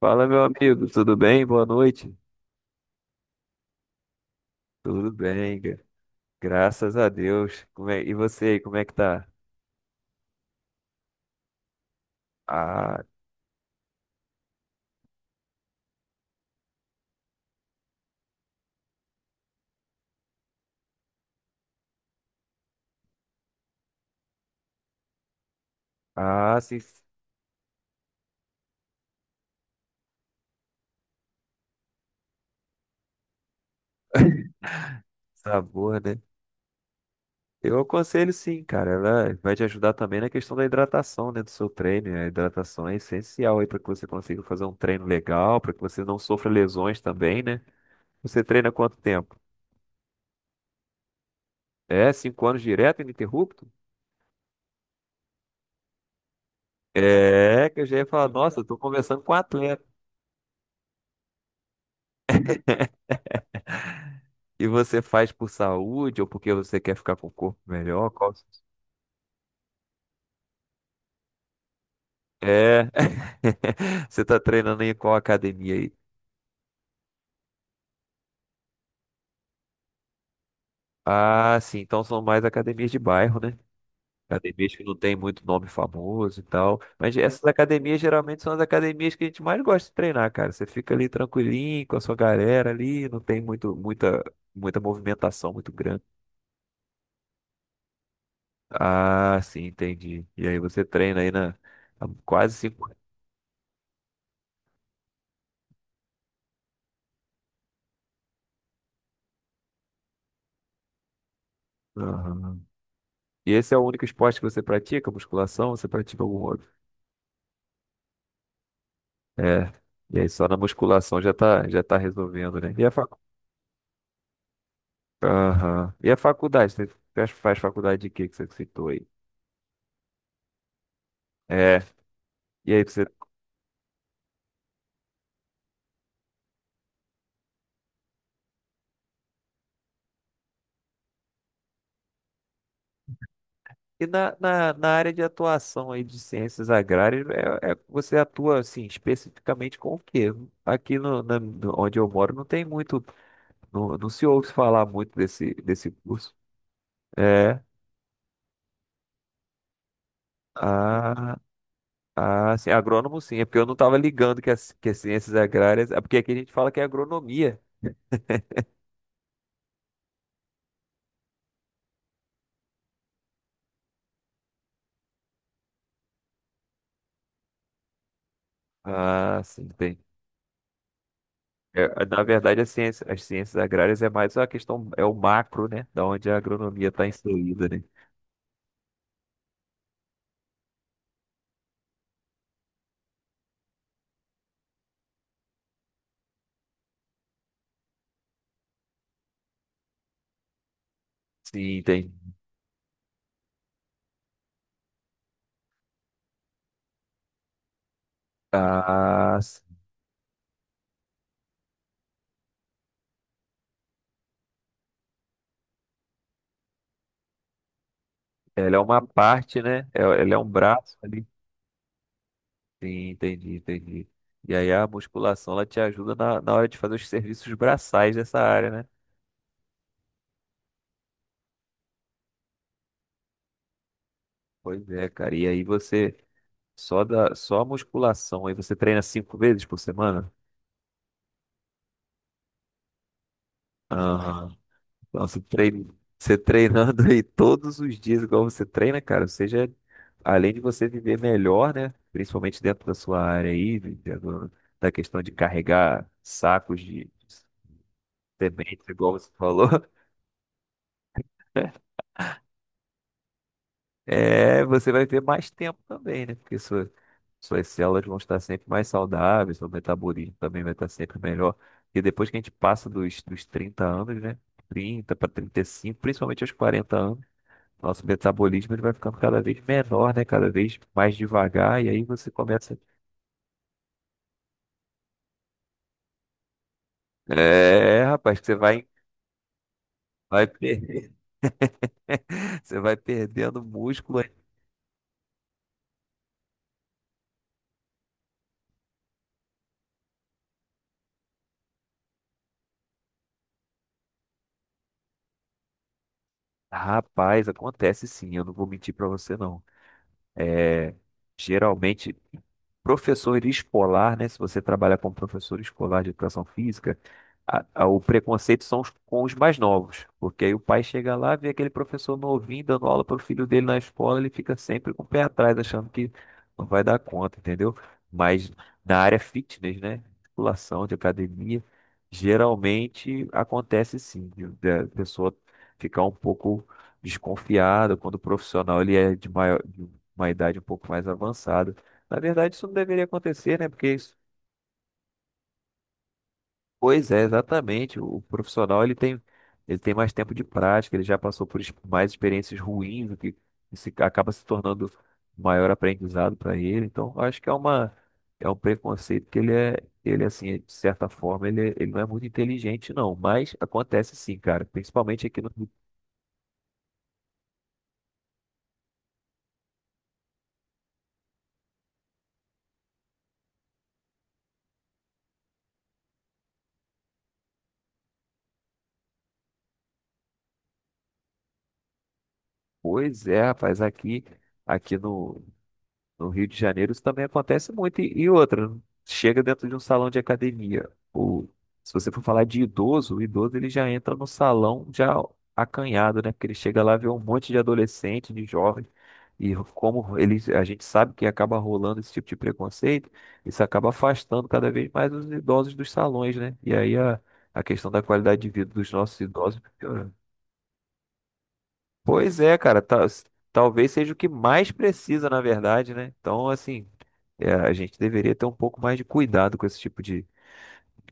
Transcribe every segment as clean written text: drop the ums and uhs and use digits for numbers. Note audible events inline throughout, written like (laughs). Fala, meu amigo, tudo bem? Boa noite. Tudo bem, graças a Deus. E você aí, como é que tá? Ah, ah, sim, (laughs) sabor, né? Eu aconselho sim, cara. Ela vai te ajudar também na questão da hidratação, né, do seu treino. A hidratação é essencial aí para que você consiga fazer um treino legal, para que você não sofra lesões também, né? Você treina quanto tempo? É, cinco anos direto, ininterrupto? É, que eu já ia falar, nossa, eu tô conversando com um atleta. E você faz por saúde ou porque você quer ficar com o corpo melhor? Qual... É. (laughs) Você tá treinando em qual academia aí? Ah, sim. Então são mais academias de bairro, né? Academias que não tem muito nome famoso e tal. Mas essas academias geralmente são as academias que a gente mais gosta de treinar, cara. Você fica ali tranquilinho com a sua galera ali, não tem muita movimentação muito grande. Ah, sim, entendi. E aí você treina aí na, há quase 5 anos. E esse é o único esporte que você pratica? Musculação? Você pratica algum outro? É. E aí só na musculação já tá resolvendo, né? E a facu... Aham. E a faculdade? Você faz faculdade de quê que você citou aí? É. E aí você. E na área de atuação aí de ciências agrárias, você atua assim especificamente com o quê? Aqui onde eu moro não tem muito, não se ouve falar muito desse curso. É. ah, Ah, sim, agrônomo sim, é porque eu não estava ligando que as ciências agrárias. É porque aqui a gente fala que é agronomia. Ah, sim, tem. É, na verdade, a ciência, as ciências agrárias é mais a questão, é o macro, né? Da onde a agronomia está inserida, né? Sim, tem. Ah, sim. Ela é uma parte, né? Ela é um braço ali. Sim, entendi, entendi. E aí a musculação, ela te ajuda na hora de fazer os serviços braçais dessa área, né? Pois é, cara. E aí você. Só da, só a musculação aí você treina 5 vezes por semana? Aham. Então você treina, você treinando (laughs) aí todos os dias igual você treina, cara, seja além de você viver melhor, né? Principalmente dentro da sua área aí, dentro da questão de carregar sacos de sementes, igual você falou. (laughs) É, você vai ver mais tempo também, né? Porque suas células vão estar sempre mais saudáveis, seu metabolismo também vai estar sempre melhor. E depois que a gente passa dos 30 anos, né? 30 para 35, principalmente aos 40 anos, nosso metabolismo ele vai ficando cada vez menor, né? Cada vez mais devagar. E aí você começa. É, rapaz, que você vai perder. (laughs) Você vai perdendo músculo. Rapaz, acontece sim, eu não vou mentir pra você, não. É, Geralmente professor escolar, né? Se você trabalha como professor escolar de educação física, o preconceito com os mais novos, porque aí o pai chega lá, vê aquele professor novinho dando aula para o filho dele na escola, ele fica sempre com o pé atrás, achando que não vai dar conta, entendeu? Mas na área fitness, né? Musculação, de academia, geralmente acontece sim, da pessoa ficar um pouco desconfiada quando o profissional ele é de maior, de uma idade um pouco mais avançada. Na verdade, isso não deveria acontecer, né? Porque isso... Pois é, exatamente. O profissional, ele tem mais tempo de prática, ele já passou mais experiências ruins, o que se, acaba se tornando maior aprendizado para ele. Então, eu acho que é um preconceito que ele assim, de certa forma, ele não é muito inteligente, não. Mas acontece sim, cara. Principalmente aqui no... Rio. Pois é, rapaz, aqui, aqui no, No Rio de Janeiro isso também acontece muito. E outra, chega dentro de um salão de academia. Se você for falar de idoso, o idoso ele já entra no salão já acanhado, né? Porque ele chega lá vê um monte de adolescente, de jovem. E como eles, a gente sabe que acaba rolando esse tipo de preconceito, isso acaba afastando cada vez mais os idosos dos salões, né? E aí a questão da qualidade de vida dos nossos idosos piorando. Pois é, cara, talvez seja o que mais precisa, na verdade, né? Então, assim, é, a gente deveria ter um pouco mais de cuidado com esse tipo de,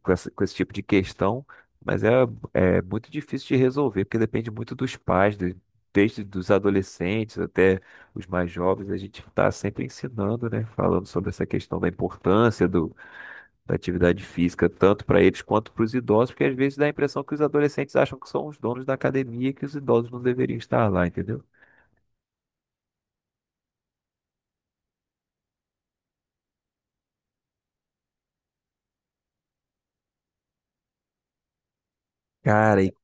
com essa, com esse tipo de questão, mas é muito difícil de resolver, porque depende muito dos pais, desde dos adolescentes até os mais jovens, a gente está sempre ensinando, né, falando sobre essa questão da importância da atividade física, tanto para eles quanto para os idosos, porque às vezes dá a impressão que os adolescentes acham que são os donos da academia e que os idosos não deveriam estar lá, entendeu? Cara, e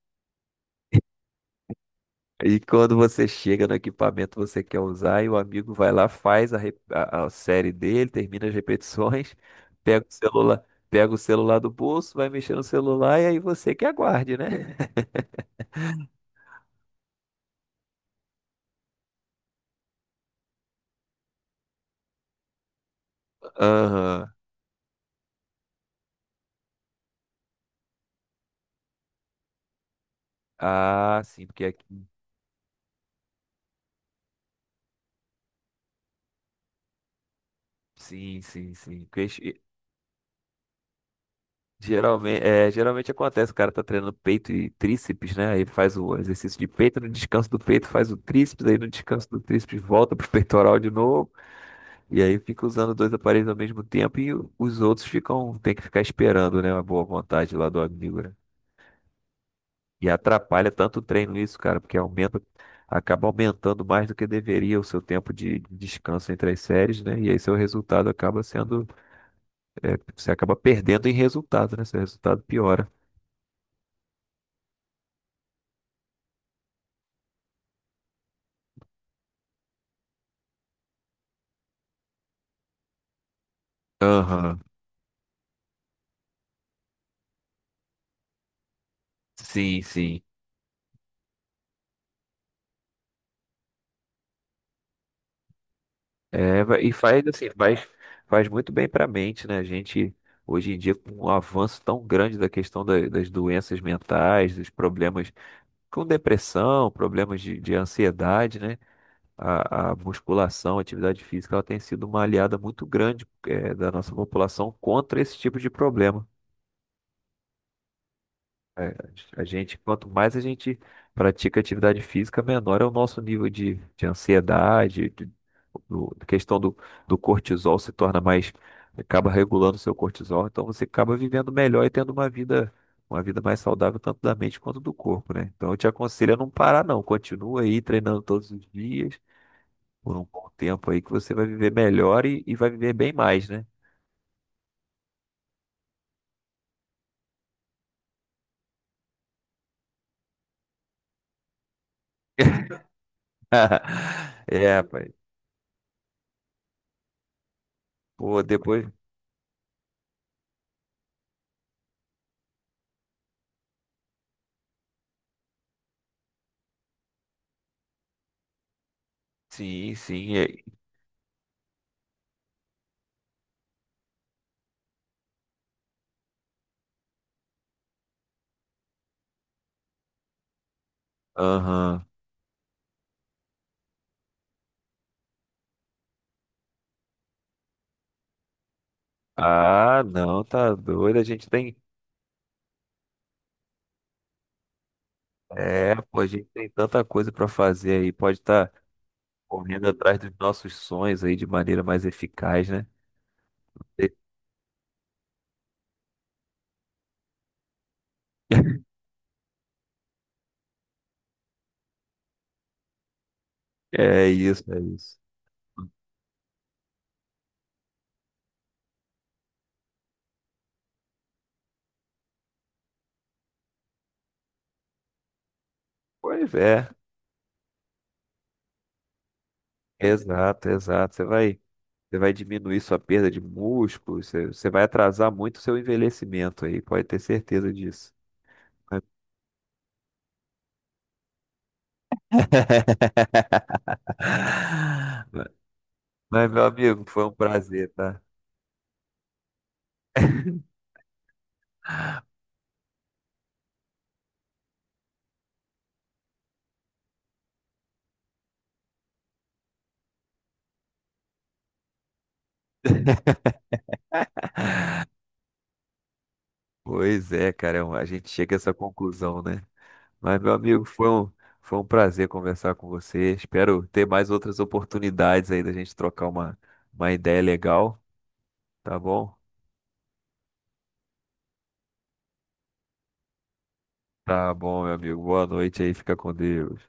E Quando você chega no equipamento que você quer usar e o amigo vai lá, faz a série dele, termina as repetições, (laughs) pega o celular do bolso, vai mexer no celular e aí você que aguarde, né? (laughs) Aham. Ah, sim, porque aqui. Sim, sim, sim. Geralmente, geralmente acontece, o cara tá treinando peito e tríceps, né? Aí faz o exercício de peito, no descanso do peito faz o tríceps, aí no descanso do tríceps volta pro peitoral de novo. E aí fica usando dois aparelhos ao mesmo tempo e os outros ficam, tem que ficar esperando, né, a boa vontade lá do amigo, né? E atrapalha tanto o treino isso, cara, porque acaba aumentando mais do que deveria o seu tempo de descanso entre as séries, né? E aí seu resultado acaba sendo, você acaba perdendo em resultado, né? Seu resultado piora. Aham. Sim, sim. É, e faz muito bem para a mente, né? A gente, hoje em dia, com o avanço tão grande da questão das doenças mentais, dos problemas com depressão, problemas de ansiedade, né? A musculação, a atividade física, ela tem sido uma aliada muito grande, da nossa população contra esse tipo de problema. É. Quanto mais a gente pratica atividade física, menor é o nosso nível de ansiedade, da questão do cortisol se torna acaba regulando o seu cortisol, então você acaba vivendo melhor e tendo uma vida mais saudável, tanto da mente quanto do corpo, né? Então eu te aconselho a não parar, não. Continua aí treinando todos os dias, por um bom tempo aí, que você vai viver melhor e vai viver bem mais, né? (laughs) É, rapaz. Pô, depois. Sim, sim. Aham. Ah, não, tá doido. A gente tem. É, pô, a gente tem tanta coisa pra fazer aí. Pode estar correndo atrás dos nossos sonhos aí de maneira mais eficaz, né? É isso, é isso. Pois é, exato, exato. Você vai diminuir sua perda de músculo, você vai atrasar muito o seu envelhecimento aí, pode ter certeza disso. (laughs) Mas, meu amigo, foi um prazer, tá? Pois é, cara, a gente chega a essa conclusão, né? Mas, meu amigo, foi um prazer conversar com você. Espero ter mais outras oportunidades aí da gente trocar uma ideia legal, tá bom? Tá bom, meu amigo. Boa noite aí, fica com Deus.